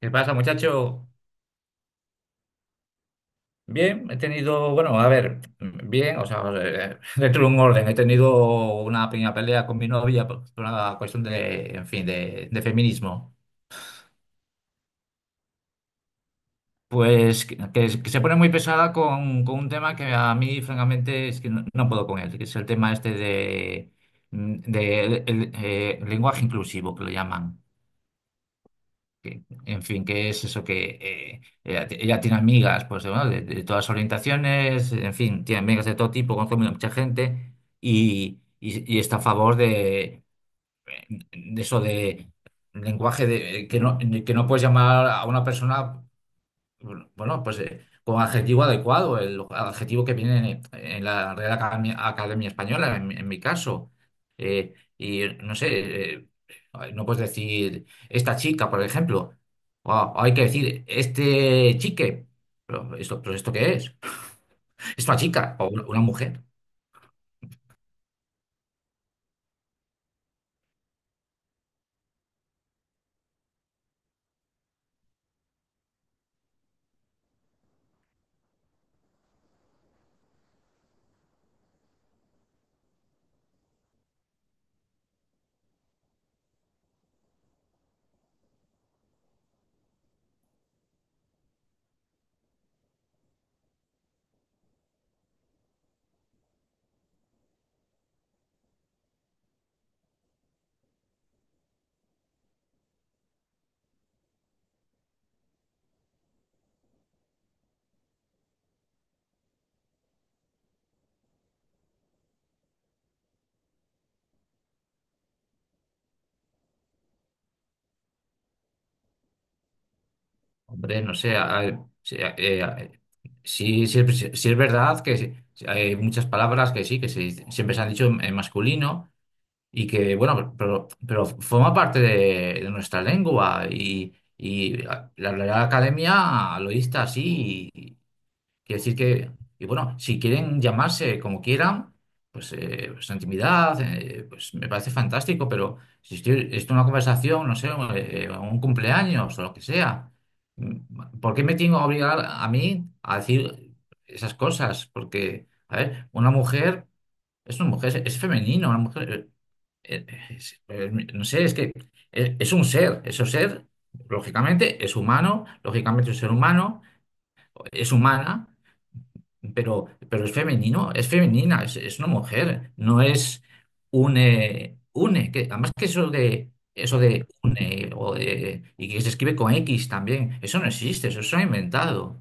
¿Qué pasa, muchacho? Bien, he tenido, bueno, a ver, bien, o sea, dentro de un orden, he tenido una pequeña pelea con mi novia por una cuestión de, en fin, de feminismo. Pues que se pone muy pesada con un tema que a mí, francamente, es que no puedo con él, que es el tema este de el, lenguaje inclusivo, que lo llaman. En fin, que es eso que ella, ella tiene amigas pues, de, bueno, de todas orientaciones, en fin, tiene amigas de todo tipo, conoce mucha gente y, y está a favor de eso de lenguaje de, que no puedes llamar a una persona. Bueno, bueno, pues con adjetivo adecuado, el adjetivo que viene en la Real Academia, Academia Española, en mi caso. Y no sé, no puedes decir esta chica, por ejemplo, o hay que decir este chique. ¿Pero esto qué es? ¿Esta chica o una mujer? Hombre, no sé, sí, sí, sí es verdad que sí, hay muchas palabras que sí, siempre se han dicho en masculino. Y que, bueno, pero forma parte de nuestra lengua y la Real Academia lo dicta así. Quiere decir que, y bueno, si quieren llamarse como quieran, pues, pues intimidad, pues me parece fantástico, pero si estoy, esto es una conversación, no sé, un cumpleaños o lo que sea, ¿por qué me tengo que obligar a mí a decir esas cosas? Porque, a ver, una mujer es una mujer, es femenino, una mujer, no sé, es que es un ser, eso ser, lógicamente es humano, lógicamente es un ser humano, es humana, pero es femenino, es femenina, es una mujer, no es une, une, que además que eso de une o de, y que se escribe con X también, eso no existe, eso se ha inventado.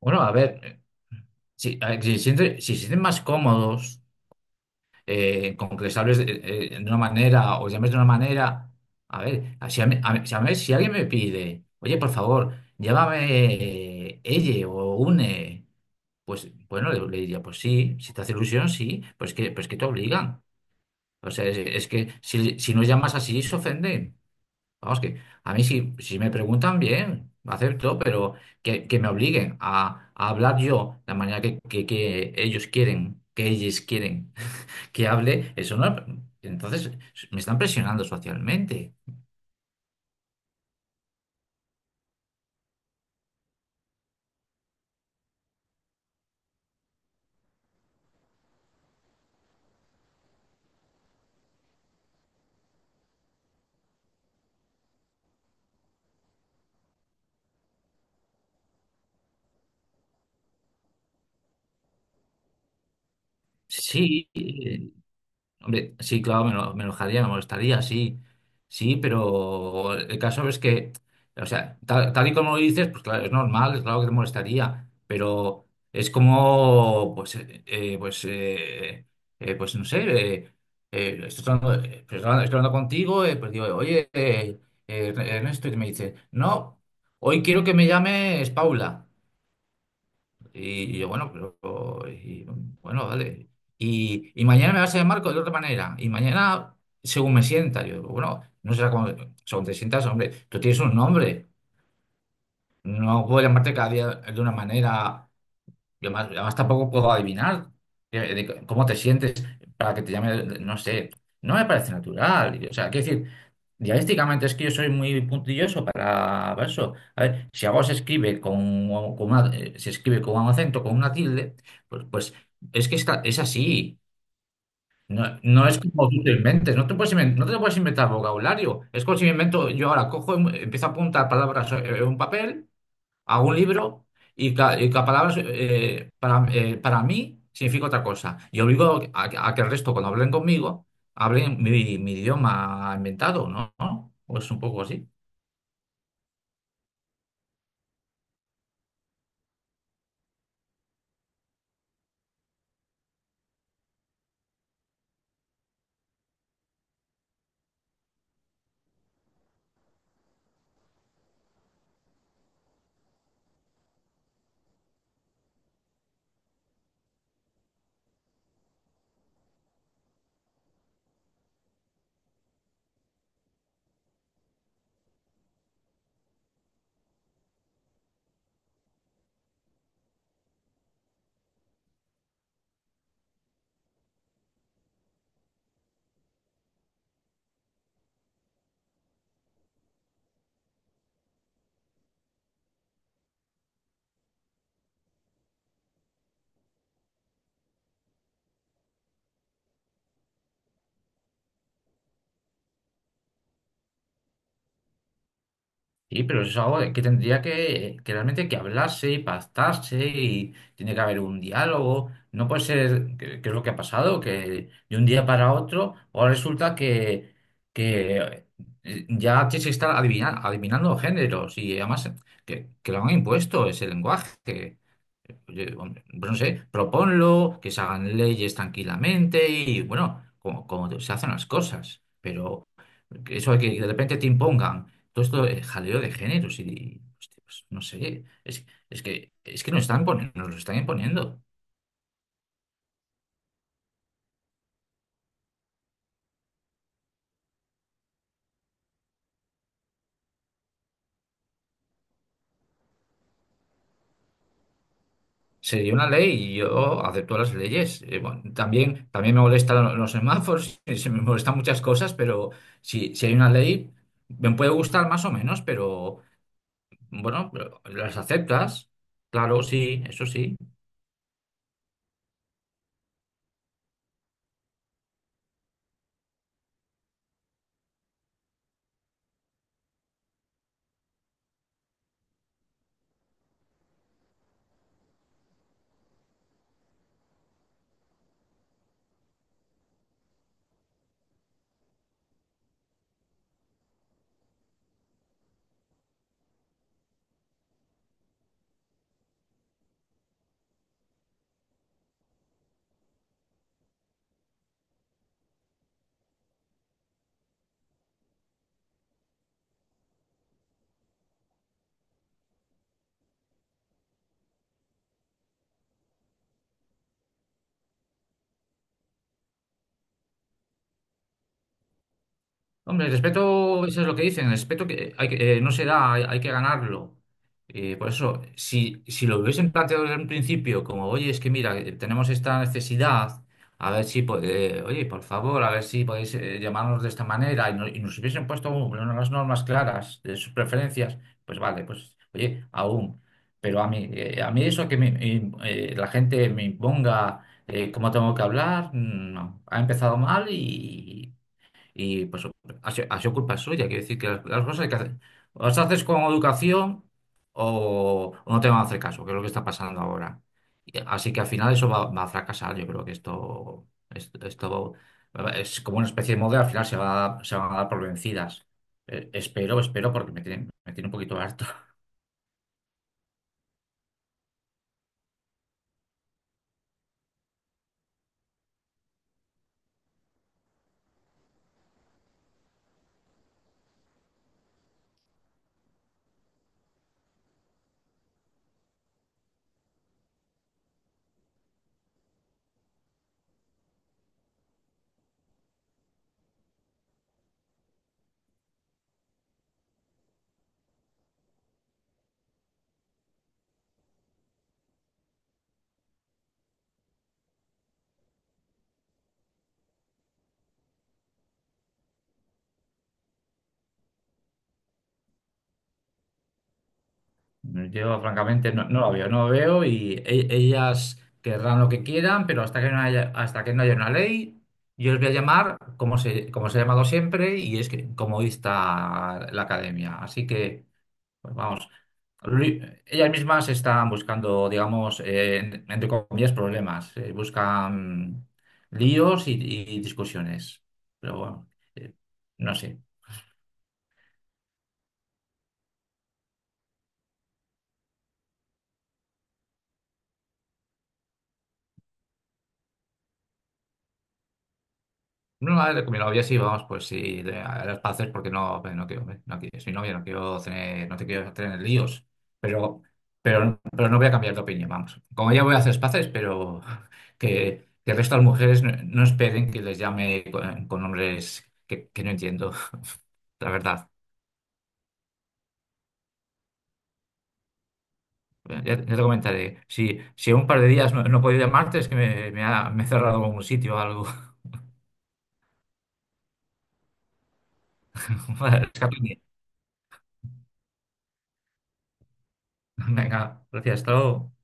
Bueno, a ver, si, si se sienten más cómodos con que les hables de una manera o les llames de una manera, a ver, si, si, a mí, si alguien me pide, oye, por favor, llévame ella o une. Pues bueno, le diría, pues sí, si te hace ilusión, sí, pues que te obligan. O sea, es que si, si no llamas así, se ofenden. Vamos, que a mí si, si me preguntan bien, acepto, pero que me obliguen a hablar yo la manera que, que ellos quieren que hable, eso no. Entonces, me están presionando socialmente. Sí, hombre, sí, claro, me, me enojaría, me molestaría, sí, sí, pero el caso es que, o sea, tal, tal y como lo dices, pues claro, es normal, es claro que te molestaría, pero es como, pues, pues, pues no sé, estoy hablando, pues, estoy hablando contigo, pues digo, oye, Ernesto, y me dice, no, hoy quiero que me llames Paula. Y yo, bueno, pero, y, bueno, dale. Y mañana me vas a llamar de otra manera. Y mañana, según me sienta, yo, bueno, no será como, según te sientas, hombre, tú tienes un nombre. No puedo llamarte cada día de una manera. Y además, además tampoco puedo adivinar cómo te sientes para que te llame, no sé. No me parece natural. Y, o sea, quiero decir, dialécticamente es que yo soy muy puntilloso para eso. A ver, si algo se escribe con una, se escribe con un acento, con una tilde, pues, pues es que está, es así. No, no es como tú te inventes, no te puedes no te puedes inventar vocabulario. Es como si me invento, yo ahora cojo, y empiezo a apuntar palabras en un papel a un libro y, y cada palabra para mí significa otra cosa. Y obligo a que el resto, cuando hablen conmigo, hablen mi, mi idioma inventado, ¿no? ¿No? Pues un poco así. Sí, pero eso es algo de que tendría que realmente que hablarse y pactarse y tiene que haber un diálogo. No puede ser, que es lo que ha pasado, que de un día para otro, ahora resulta que ya tienes que estar adivinando géneros y además que lo han impuesto ese lenguaje. Oye, hombre, pues no sé, proponlo, que se hagan leyes tranquilamente y bueno, como, como se hacen las cosas, pero eso de que de repente te impongan todo esto de jaleo de géneros y, hostia, pues, no sé, es que nos están poniendo, nos lo están imponiendo. Sería una ley y yo acepto las leyes. Bueno, también, también me molestan los semáforos, y se me molestan muchas cosas, pero si, si hay una ley, me puede gustar más o menos, pero bueno, pero las aceptas, claro, sí, eso sí. Hombre, el respeto, eso es lo que dicen, el respeto que hay que, no se da, hay que ganarlo. Por eso, si, si lo hubiesen planteado desde un principio, como, oye, es que mira, tenemos esta necesidad, a ver si, oye, por favor, a ver si podéis llamarnos de esta manera, y, y nos hubiesen puesto unas normas claras de sus preferencias, pues vale, pues, oye, aún. Pero a mí eso que la gente me imponga cómo tengo que hablar, no. Ha empezado mal y pues ha sido culpa suya, quiero decir que las cosas hay que hacer. O las haces con educación o no te van a hacer caso, que es lo que está pasando ahora. Así que al final eso va, va a fracasar. Yo creo que esto es como una especie de moda, al final se va, se van a dar por vencidas. Espero, espero, porque me tiene un poquito harto. Yo, francamente, no, no lo veo, no lo veo y ellas querrán lo que quieran, pero hasta que no haya, hasta que no haya una ley, yo les voy a llamar como se ha llamado siempre y es que, como dicta la academia. Así que, pues vamos, Lu- ellas mismas están buscando, digamos, entre comillas, problemas, buscan líos y discusiones. Pero bueno, eh, no sé. No, vale, con mi novia sí, vamos, pues sí, a las paces porque no, no quiero, no quiero, soy novia, no quiero tener, no te quiero tener líos, pero, pero no voy a cambiar de opinión, vamos. Como ya voy a hacer las paces, pero que el resto de las mujeres no, no esperen que les llame con nombres que no entiendo, la verdad. Ya, ya te comentaré, si, si en un par de días no, no he podido llamarte es que me ha, me he cerrado algún sitio o algo. Escápame. Venga, gracias, hasta luego.